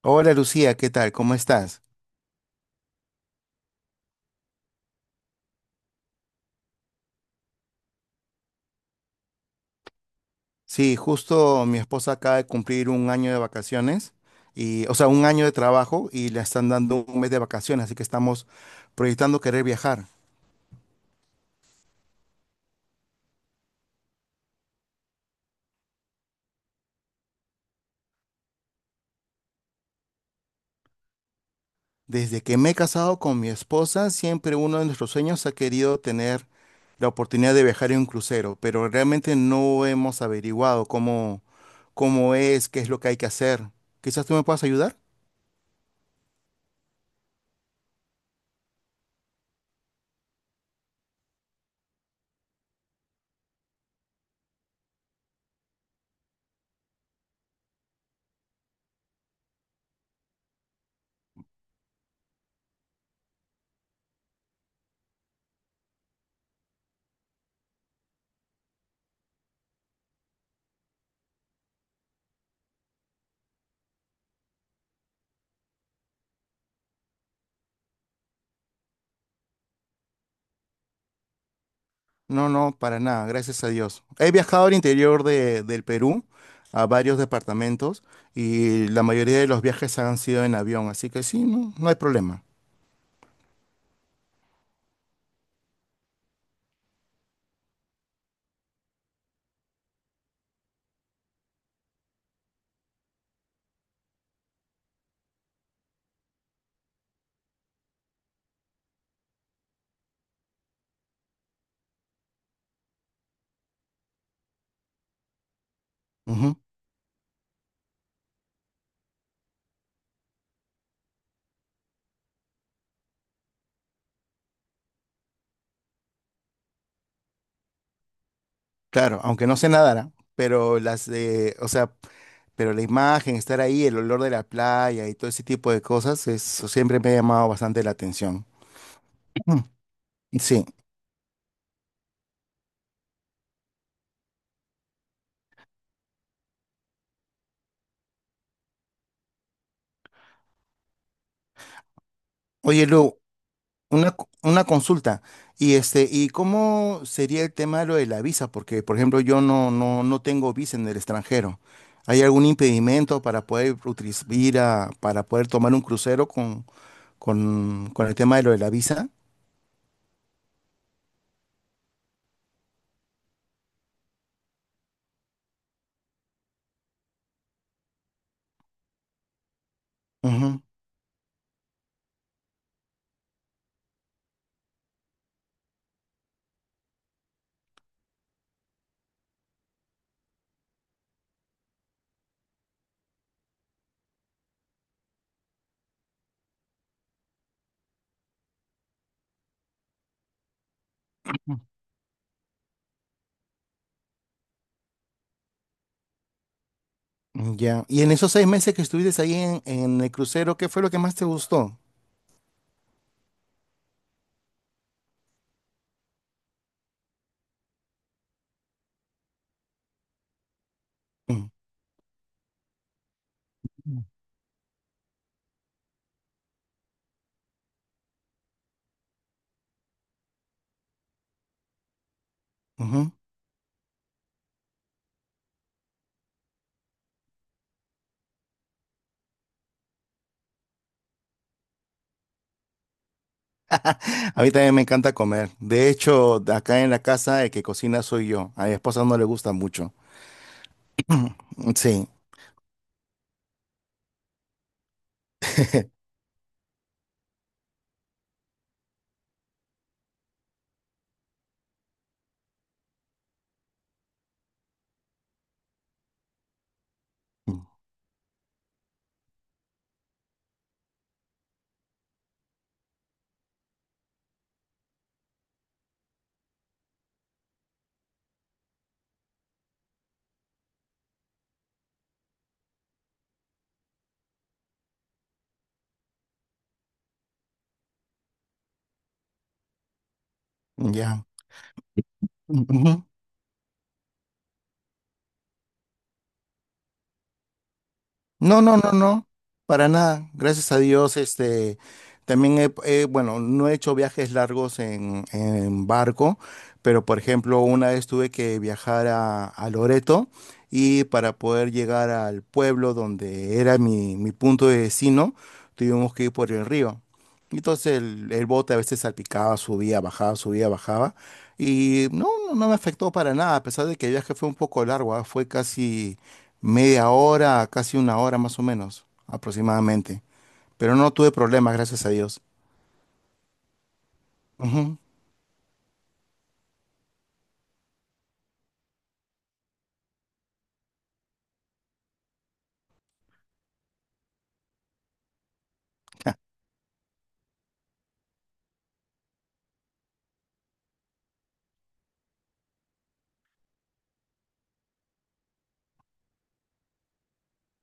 Hola Lucía, ¿qué tal? ¿Cómo estás? Sí, justo mi esposa acaba de cumplir un año de vacaciones y, o sea, un año de trabajo y le están dando un mes de vacaciones, así que estamos proyectando querer viajar. Desde que me he casado con mi esposa, siempre uno de nuestros sueños ha querido tener la oportunidad de viajar en un crucero, pero realmente no hemos averiguado cómo es, qué es lo que hay que hacer. Quizás tú me puedas ayudar. No, no, para nada, gracias a Dios. He viajado al interior del Perú, a varios departamentos, y la mayoría de los viajes han sido en avión, así que sí, no, no hay problema. Ujú. Claro, aunque no sé nadar, ¿ah? O sea, pero la imagen, estar ahí, el olor de la playa y todo ese tipo de cosas, eso siempre me ha llamado bastante la atención. Mm. Sí. Oye, Lu, una consulta. Y este, ¿y cómo sería el tema de lo de la visa? Porque, por ejemplo, yo no, no, no tengo visa en el extranjero. ¿Hay algún impedimento para poder para poder tomar un crucero con, con el tema de lo de la visa? Ujú. Ya. Y en esos 6 meses que estuviste ahí en el crucero, ¿qué fue lo que más te gustó? Mm, ujú. A mí también me encanta comer. De hecho, acá en la casa el que cocina soy yo. A mi esposa no le gusta mucho. Sí. Ya. Ujú. No, no, no, no, para nada. Gracias a Dios, este, también bueno, no he hecho viajes largos en barco, pero por ejemplo, una vez tuve que viajar a Loreto y para poder llegar al pueblo donde era mi punto de destino, tuvimos que ir por el río. Entonces el bote a veces salpicaba, subía, bajaba, subía, bajaba. Y no, no, no me afectó para nada, a pesar de que el viaje fue un poco largo, ah. Fue casi media hora, casi una hora más o menos, aproximadamente. Pero no tuve problemas, gracias a Dios. Ujú. Ja.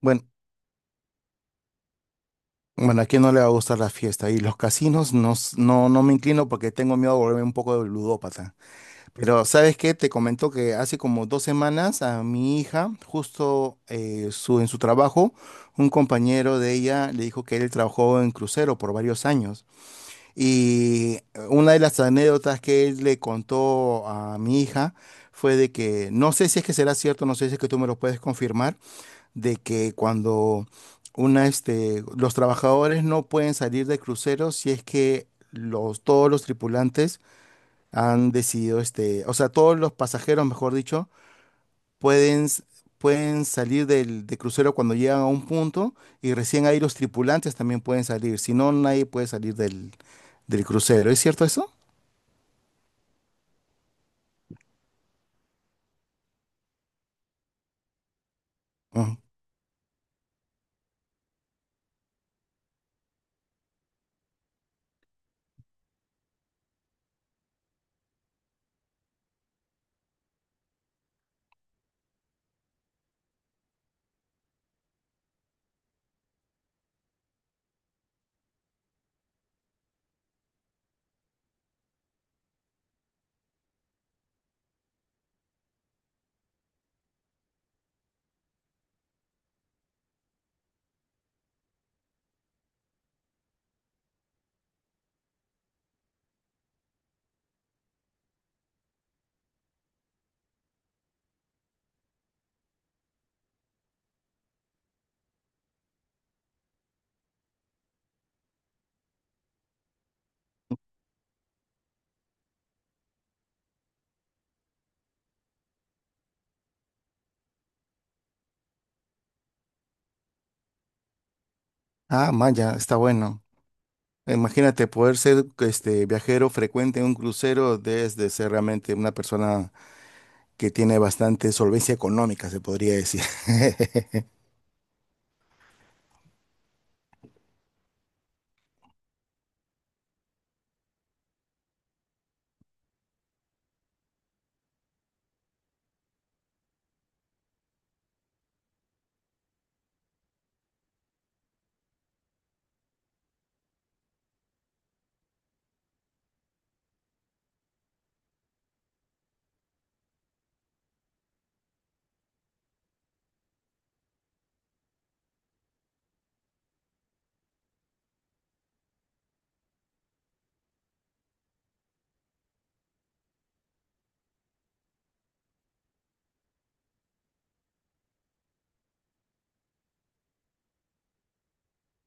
Bueno, bueno, ¿a quién no le va a gustar la fiesta? Y los casinos no, no, no me inclino porque tengo miedo de volverme un poco de ludópata. Pero ¿sabes qué? Te comento que hace como 2 semanas a mi hija, justo en su trabajo, un compañero de ella le dijo que él trabajó en crucero por varios años. Y una de las anécdotas que él le contó a mi hija fue de que, no sé si es que será cierto, no sé si es que tú me lo puedes confirmar, de que cuando los trabajadores no pueden salir de cruceros si es que todos los tripulantes han decidido, o sea, todos los pasajeros, mejor dicho, pueden, s- pueden salir de crucero cuando llegan a un punto y recién ahí los tripulantes también pueden salir, si no, nadie puede salir del crucero. ¿Es cierto eso? Ujú. Ah, Maya, está bueno. Imagínate poder ser este viajero frecuente en un crucero desde ser realmente una persona que tiene bastante solvencia económica, se podría decir.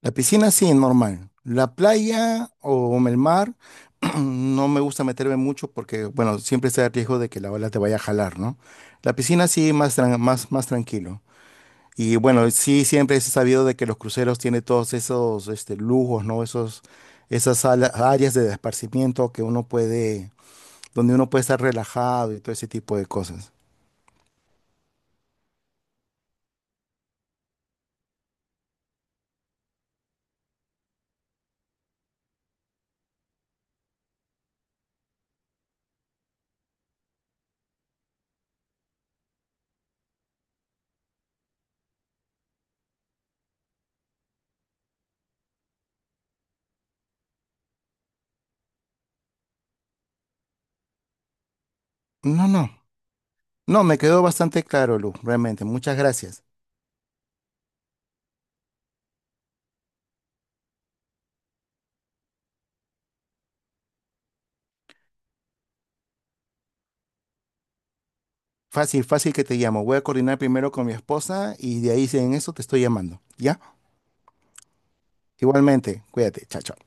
La piscina sí, normal. La playa o el mar, no me gusta meterme mucho porque, bueno, siempre está el riesgo de que la ola te vaya a jalar, ¿no? La piscina sí, más tranquilo. Y bueno, sí, siempre es sabido de que los cruceros tienen todos esos lujos, ¿no? Áreas de esparcimiento que donde uno puede estar relajado y todo ese tipo de cosas. No, no, no, me quedó bastante claro, Lu, realmente. Muchas gracias. Fácil, fácil que te llamo. Voy a coordinar primero con mi esposa y de ahí si en eso te estoy llamando, ¿ya? Igualmente, cuídate, chao, chao.